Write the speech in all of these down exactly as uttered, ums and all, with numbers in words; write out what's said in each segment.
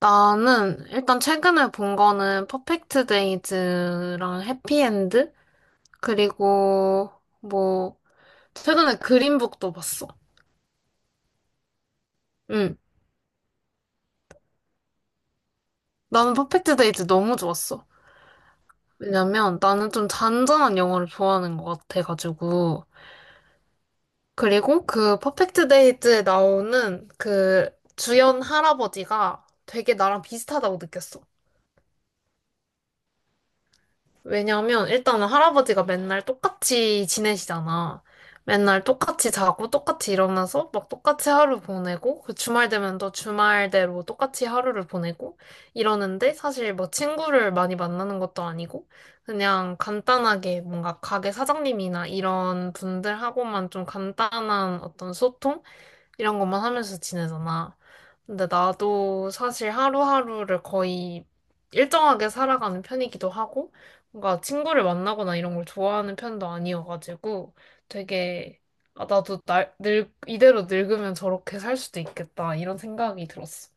나는 일단 최근에 본 거는 퍼펙트 데이즈랑 해피엔드 그리고 뭐 최근에 그린북도 봤어. 응. 나는 퍼펙트 데이즈 너무 좋았어. 왜냐면 나는 좀 잔잔한 영화를 좋아하는 것 같아가지고 그리고 그 퍼펙트 데이즈에 나오는 그 주연 할아버지가 되게 나랑 비슷하다고 느꼈어. 왜냐면 일단은 할아버지가 맨날 똑같이 지내시잖아. 맨날 똑같이 자고 똑같이 일어나서 막 똑같이 하루 보내고 그 주말 되면 또 주말대로 똑같이 하루를 보내고 이러는데 사실 뭐 친구를 많이 만나는 것도 아니고 그냥 간단하게 뭔가 가게 사장님이나 이런 분들하고만 좀 간단한 어떤 소통? 이런 것만 하면서 지내잖아. 근데 나도 사실 하루하루를 거의 일정하게 살아가는 편이기도 하고, 뭔가 친구를 만나거나 이런 걸 좋아하는 편도 아니어가지고, 되게, 아, 나도 날, 늙, 이대로 늙으면 저렇게 살 수도 있겠다, 이런 생각이 들었어.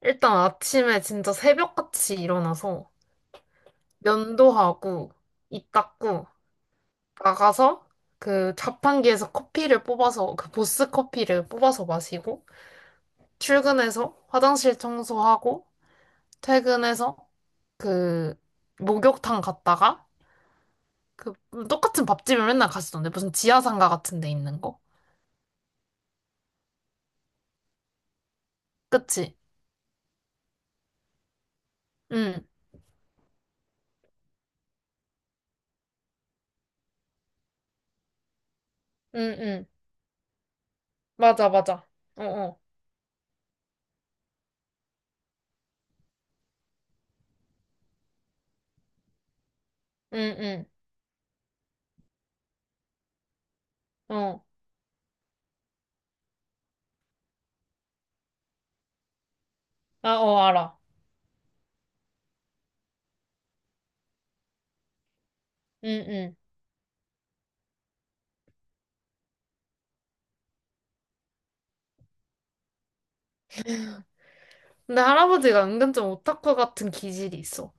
일단 아침에 진짜 새벽같이 일어나서 면도하고, 입 닦고, 나가서 그 자판기에서 커피를 뽑아서, 그 보스 커피를 뽑아서 마시고, 출근해서 화장실 청소하고 퇴근해서 그 목욕탕 갔다가 그 똑같은 밥집을 맨날 갔었는데 무슨 지하상가 같은 데 있는 거. 그치? 응, 응, 응. 맞아, 맞아. 어, 어. 응, 응. 어. 아, 어, 알아. 응, 응. 근데 할아버지가 은근 좀 오타쿠 같은 기질이 있어.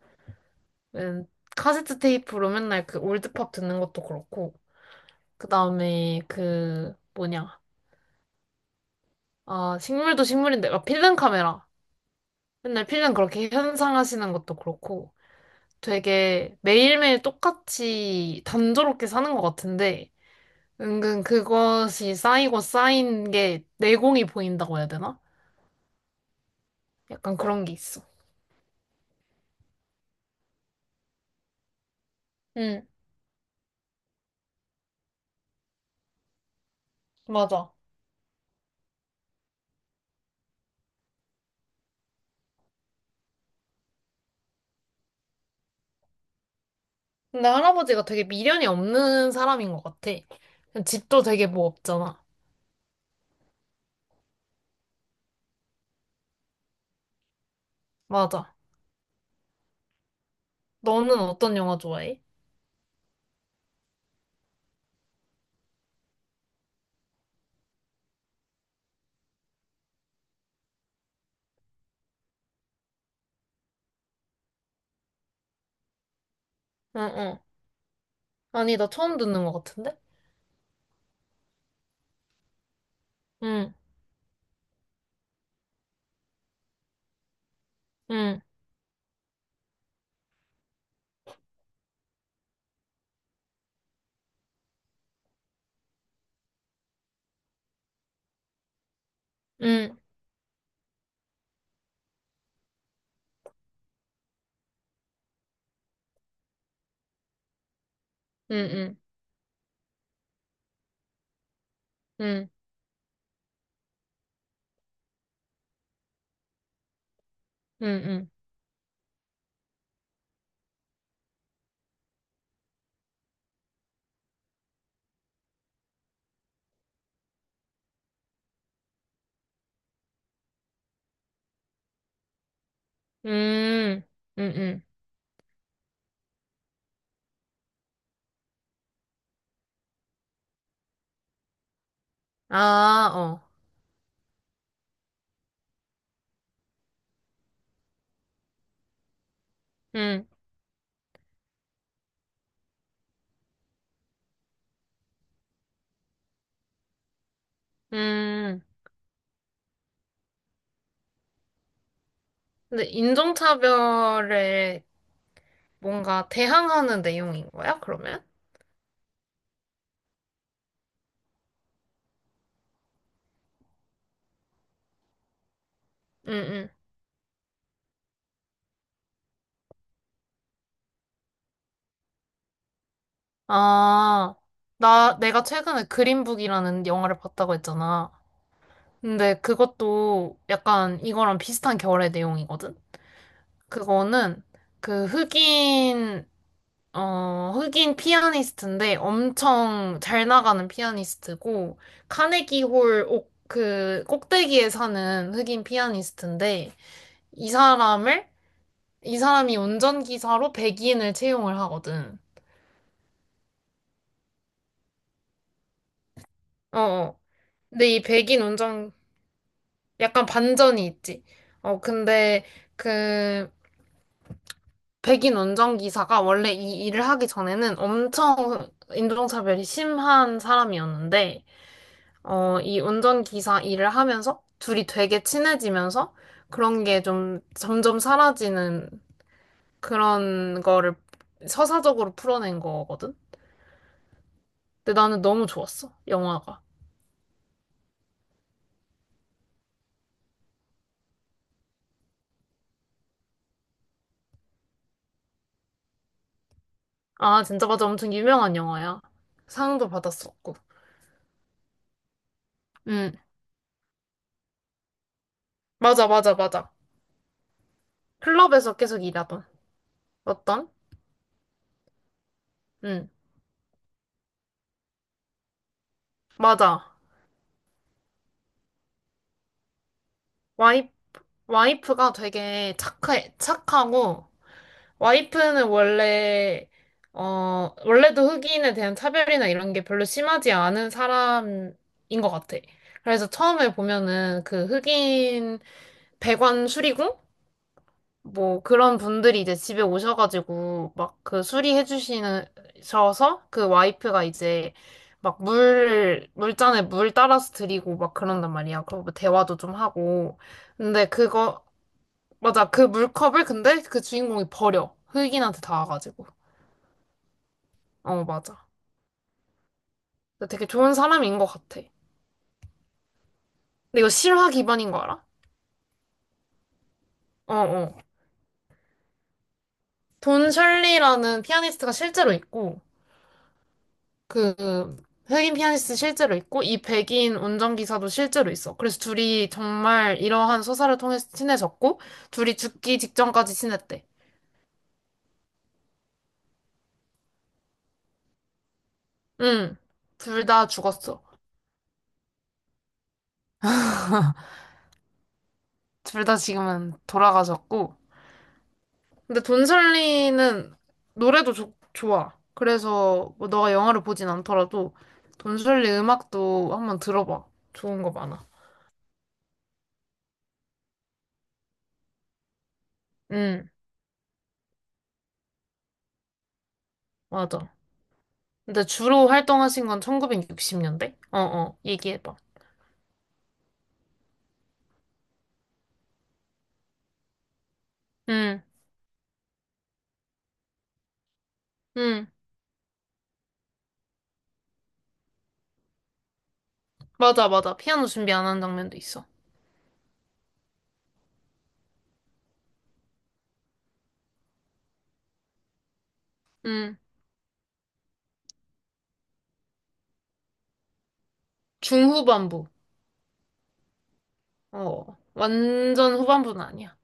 음, 카세트 테이프로 맨날 그 올드팝 듣는 것도 그렇고, 그 다음에 그 뭐냐. 아, 식물도 식물인데, 막 필름 카메라. 맨날 필름 그렇게 현상하시는 것도 그렇고 되게 매일매일 똑같이 단조롭게 사는 것 같은데 은근 그것이 쌓이고 쌓인 게 내공이 보인다고 해야 되나? 약간 그런 게 있어. 응, 맞아. 근데 할아버지가 되게 미련이 없는 사람인 것 같아. 집도 되게 뭐 없잖아. 맞아. 너는 어떤 영화 좋아해? 응, 응. 아니, 나 처음 듣는 것 같은데? 응, 응, 응, 응, 응, 응, 응, 응, 응, 응. 응, 응. 아, 어. 음, 음. 근데 인종차별에 뭔가 대항하는 내용인 거야, 그러면? 응, 응. 아, 나, 내가 최근에 그린북이라는 영화를 봤다고 했잖아. 근데 그것도 약간 이거랑 비슷한 결의 내용이거든? 그거는 그 흑인 어, 흑인 피아니스트인데 엄청 잘 나가는 피아니스트고, 카네기 홀 옥, 그 꼭대기에 사는 흑인 피아니스트인데, 이 사람을, 이 사람이 운전기사로 백인을 채용을 하거든. 어, 어. 근데 이 백인 운전, 약간 반전이 있지. 어, 근데 그 백인 운전기사가 원래 이 일을 하기 전에는 엄청 인종차별이 심한 사람이었는데, 어, 이 운전기사 일을 하면서 둘이 되게 친해지면서 그런 게 좀 점점 사라지는 그런 거를 서사적으로 풀어낸 거거든? 근데 나는 너무 좋았어, 영화가. 아, 진짜 맞아. 엄청 유명한 영화야. 상도 받았었고. 응. 맞아, 맞아, 맞아. 클럽에서 계속 일하던. 어떤? 응. 맞아. 와이, 와이프가 되게 착해, 착하고 와이프는 원래, 어, 원래도 흑인에 대한 차별이나 이런 게 별로 심하지 않은 사람인 것 같아. 그래서 처음에 보면은 그 흑인 배관 수리공? 뭐 그런 분들이 이제 집에 오셔가지고 막 그 수리해 주시는, 셔서 그 와이프가 이제 막 물, 물잔에 물 따라서 드리고 막 그런단 말이야. 그리고 뭐 대화도 좀 하고. 근데 그거, 맞아. 그 물컵을 근데 그 주인공이 버려. 흑인한테 닿아가지고. 어, 맞아. 근데 되게 좋은 사람인 것 같아. 근데 이거 실화 기반인 거 알아? 어, 어. 돈 셜리라는 피아니스트가 실제로 있고, 그, 흑인 피아니스트 실제로 있고, 이 백인 운전기사도 실제로 있어. 그래서 둘이 정말 이러한 소사를 통해서 친해졌고, 둘이 죽기 직전까지 친했대. 응. 둘 다 죽었어. 둘 다 지금은 돌아가셨고, 근데 돈설리는 노래도 좋- 좋아. 그래서 뭐 너가 영화를 보진 않더라도 돈설리 음악도 한번 들어봐. 좋은 거 많아. 응, 맞아. 근데 주로 활동하신 건 천구백육십 년대? 어 어, 얘기해봐. 응, 응. 맞아, 맞아. 피아노 준비 안 한 장면도 있어. 응. 중후반부. 어, 완전 후반부는 아니야.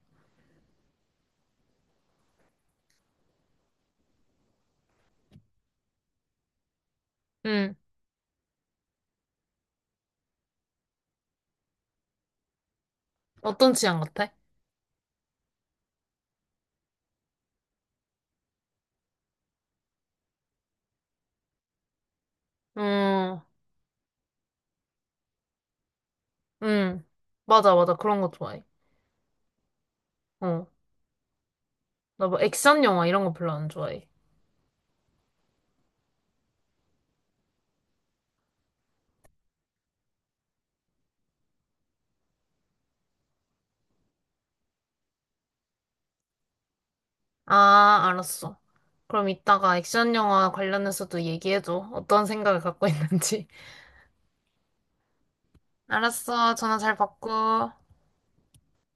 응. 어떤 취향 같아? 어, 응. 맞아, 맞아. 그런 거 좋아해. 어. 나 뭐 액션 영화 이런 거 별로 안 좋아해. 아, 알았어. 그럼 이따가 액션 영화 관련해서도 얘기해줘. 어떤 생각을 갖고 있는지. 알았어. 전화 잘 받고.